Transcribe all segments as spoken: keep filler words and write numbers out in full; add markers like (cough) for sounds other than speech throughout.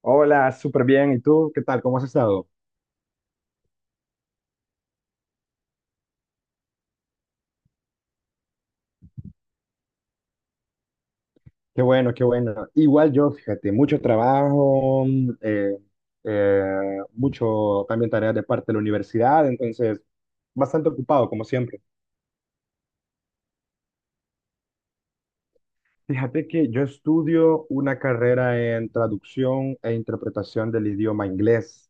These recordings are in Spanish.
Hola, súper bien. ¿Y tú? ¿Qué tal? ¿Cómo has estado? Qué bueno, qué bueno. Igual yo, fíjate, mucho trabajo, eh, eh, mucho también tareas de parte de la universidad, entonces bastante ocupado, como siempre. Fíjate que yo estudio una carrera en traducción e interpretación del idioma inglés.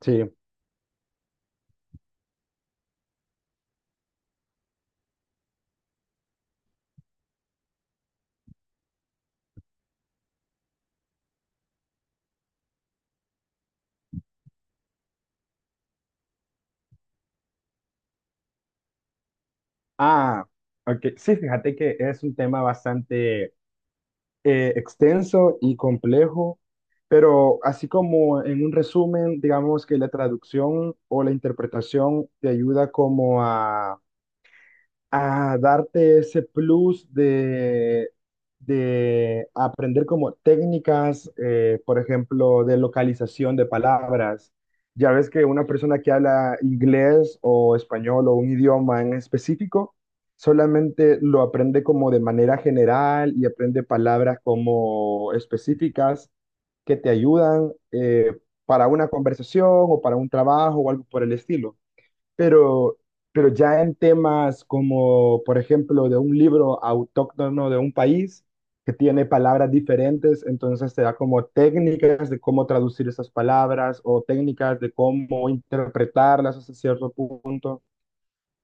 Sí. Ah, ok. Sí, fíjate que es un tema bastante eh, extenso y complejo, pero así como en un resumen, digamos que la traducción o la interpretación te ayuda como a a darte ese plus de, de aprender como técnicas, eh, por ejemplo, de localización de palabras. Ya ves que una persona que habla inglés o español o un idioma en específico, solamente lo aprende como de manera general y aprende palabras como específicas que te ayudan eh, para una conversación o para un trabajo o algo por el estilo. Pero, pero ya en temas como, por ejemplo, de un libro autóctono de un país que tiene palabras diferentes, entonces te da como técnicas de cómo traducir esas palabras o técnicas de cómo interpretarlas hasta cierto punto.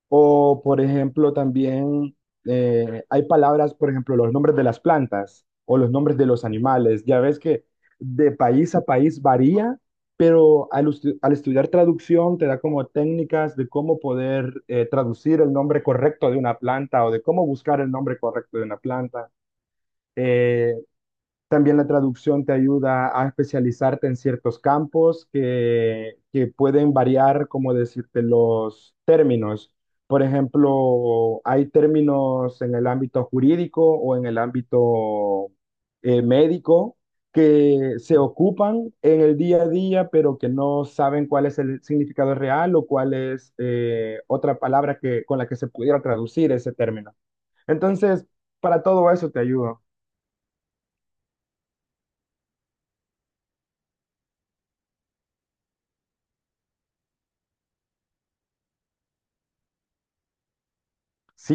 O, por ejemplo, también eh, hay palabras, por ejemplo, los nombres de las plantas o los nombres de los animales. Ya ves que de país a país varía, pero al, estu- al estudiar traducción te da como técnicas de cómo poder eh, traducir el nombre correcto de una planta o de cómo buscar el nombre correcto de una planta. Eh, También la traducción te ayuda a especializarte en ciertos campos que, que pueden variar, como decirte, los términos. Por ejemplo, hay términos en el ámbito jurídico o en el ámbito eh, médico que se ocupan en el día a día, pero que no saben cuál es el significado real o cuál es eh, otra palabra que, con la que se pudiera traducir ese término. Entonces, para todo eso te ayudo. Sí,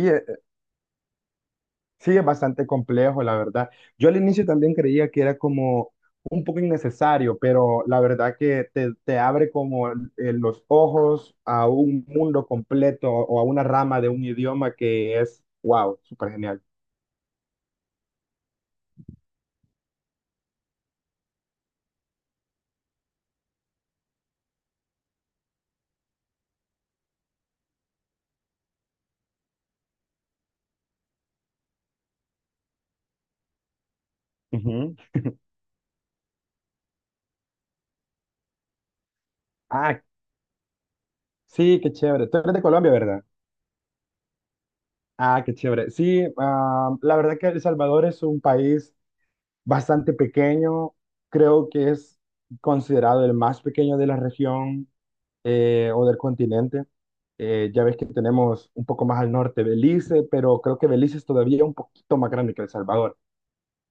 Sí, es bastante complejo, la verdad. Yo al inicio también creía que era como un poco innecesario, pero la verdad que te, te abre como eh, los ojos a un mundo completo o a una rama de un idioma que es, wow, súper genial. Ujú. Ah, sí, qué chévere. Tú eres de Colombia, ¿verdad? Ah, qué chévere. Sí, ah, la verdad que El Salvador es un país bastante pequeño. Creo que es considerado el más pequeño de la región, eh, o del continente. Eh, ya ves que tenemos un poco más al norte Belice, pero creo que Belice es todavía un poquito más grande que El Salvador.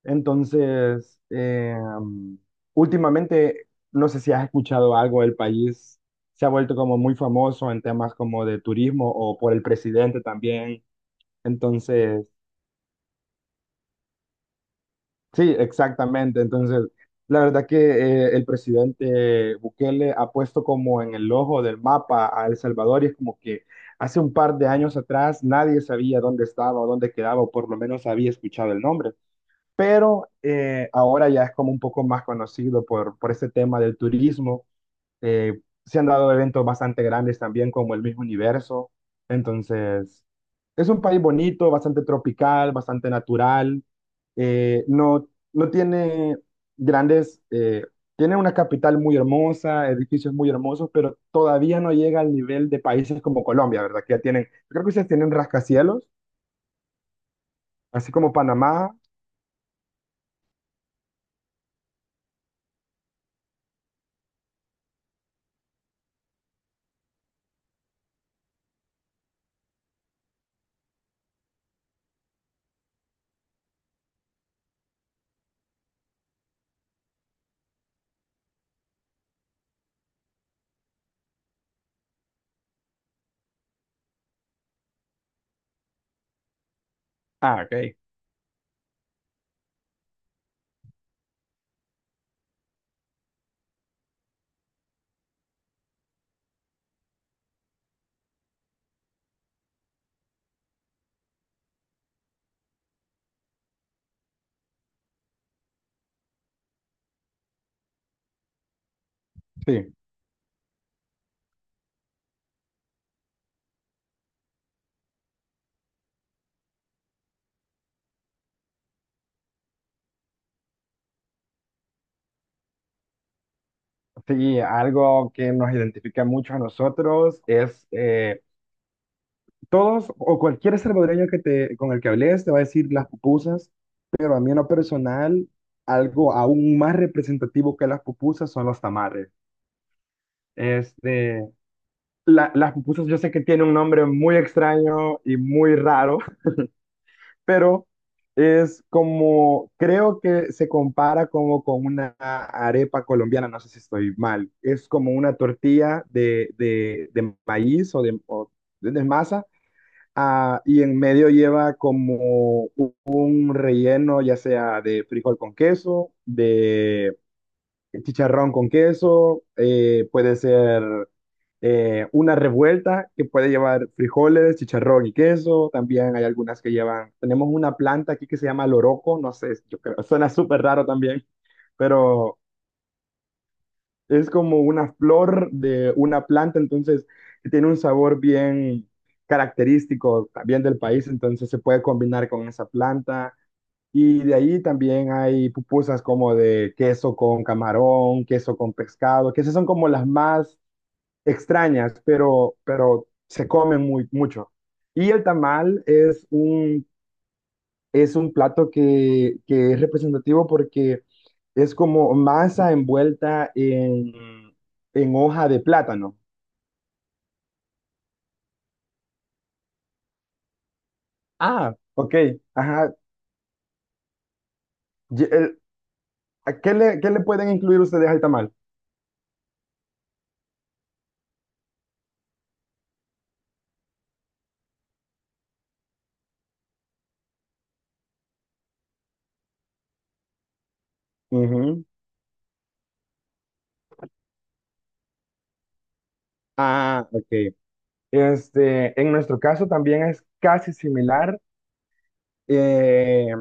Entonces, eh, mm, últimamente, no sé si has escuchado algo del país, se ha vuelto como muy famoso en temas como de turismo o por el presidente también. Entonces, sí, exactamente. Entonces, la verdad que eh, el presidente Bukele ha puesto como en el ojo del mapa a El Salvador y es como que hace un par de años atrás nadie sabía dónde estaba o dónde quedaba, o por lo menos había escuchado el nombre. Pero eh, ahora ya es como un poco más conocido por, por este tema del turismo. Eh, se han dado eventos bastante grandes también como el mismo universo. Entonces, es un país bonito, bastante tropical, bastante natural, eh, no, no tiene grandes, eh, tiene una capital muy hermosa, edificios muy hermosos, pero todavía no llega al nivel de países como Colombia, ¿verdad? Que ya tienen, creo que ustedes tienen rascacielos, así como Panamá. Ah, ok. Sí, sí, algo que nos identifica mucho a nosotros es eh, todos o cualquier salvadoreño que te, con el que hables te va a decir las pupusas, pero a mí en lo personal, algo aún más representativo que las pupusas son los tamales. Este, la- las pupusas yo sé que tiene un nombre muy extraño y muy raro, (laughs) pero es como, creo que se compara como con una arepa colombiana, no sé si estoy mal, es como una tortilla de, de, de maíz o de, o de- de masa. Ah, y en medio lleva como u- un relleno, ya sea de frijol con queso, de chicharrón con queso, eh, puede ser eh, una revuelta que puede llevar frijoles, chicharrón y queso. También hay algunas que llevan, tenemos una planta aquí que se llama loroco, no sé, yo creo, (laughs) suena súper raro también, pero es como una flor de una planta, entonces tiene un sabor bien característico también del país, entonces se puede combinar con esa planta. Y de ahí también hay pupusas como de queso con camarón, queso con pescado, que esas son como las más extrañas, pero, pero se comen muy, mucho. Y el tamal es un, es un plato que, que es representativo porque es como masa envuelta en, en hoja de plátano. Ah, ok. Ajá. Y el- ¿a ¿Qué le, qué le pueden incluir ustedes al tamal? Ujú. Ah, ok. Este, en nuestro caso también es casi similar. Eh,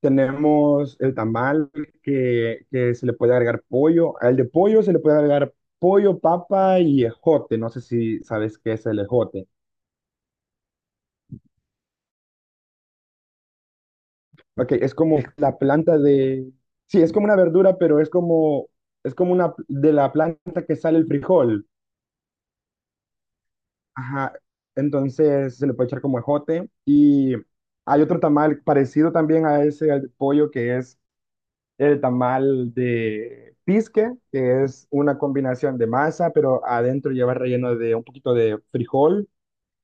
Tenemos el tamal que, que se le puede agregar pollo. Al de pollo se le puede agregar pollo, papa y ejote. No sé si sabes qué es el ejote. Ok, es como la planta de... Sí, es como una verdura, pero es como, es como una de la planta que sale el frijol. Ajá, entonces se le puede echar como ejote. Y hay otro tamal parecido también a ese, al de pollo, que es el tamal de pisque, que es una combinación de masa, pero adentro lleva relleno de un poquito de frijol.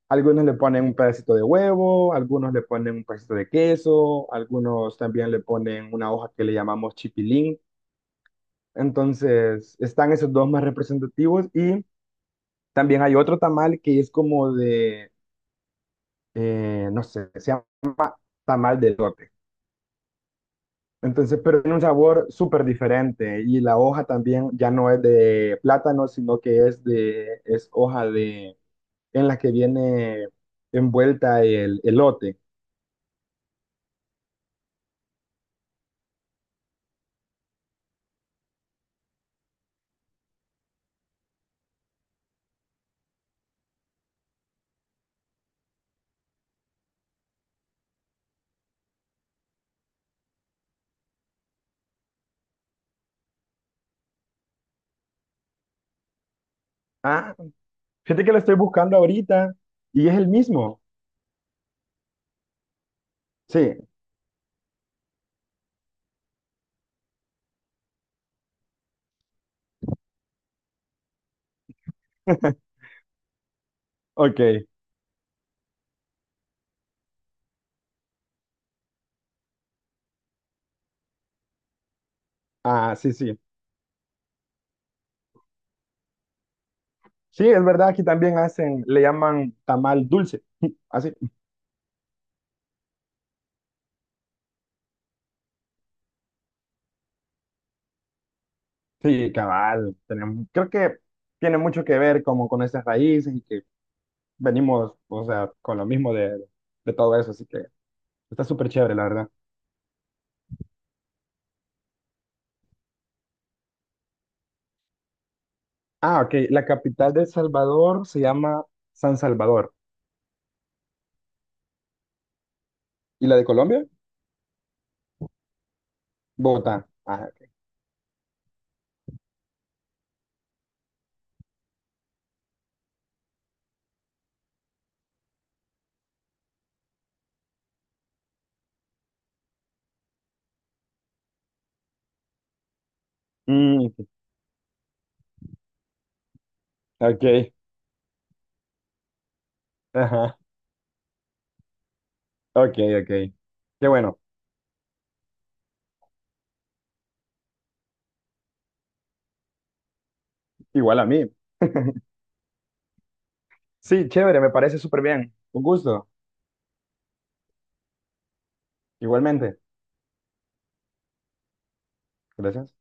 Algunos le ponen un pedacito de huevo, algunos le ponen un pedacito de queso, algunos también le ponen una hoja que le llamamos chipilín. Entonces, están esos dos más representativos y también hay otro tamal que es como de, eh, no sé, se llama tamal de elote. Entonces, pero tiene un sabor súper diferente y la hoja también ya no es de plátano, sino que es de, es hoja de, en la que viene envuelta el elote. Ah, fíjate que lo estoy buscando ahorita y es el mismo. Sí, (laughs) ok. Ah, sí, sí. Sí, es verdad, aquí también hacen, le llaman tamal dulce. (laughs) Así. Sí, cabal. Tenemos- creo que tiene mucho que ver como con esas raíces y que venimos, o sea, con lo mismo de, de todo eso, así que está súper chévere, la verdad. Ah, ok, la capital de El Salvador se llama San Salvador. ¿Y la de Colombia? Bogotá. Ah, ok. Mm, ok, (laughs) ajá, ok, ok. Qué bueno, igual a mí. Sí, chévere, me parece súper bien. Un gusto, igualmente. Gracias.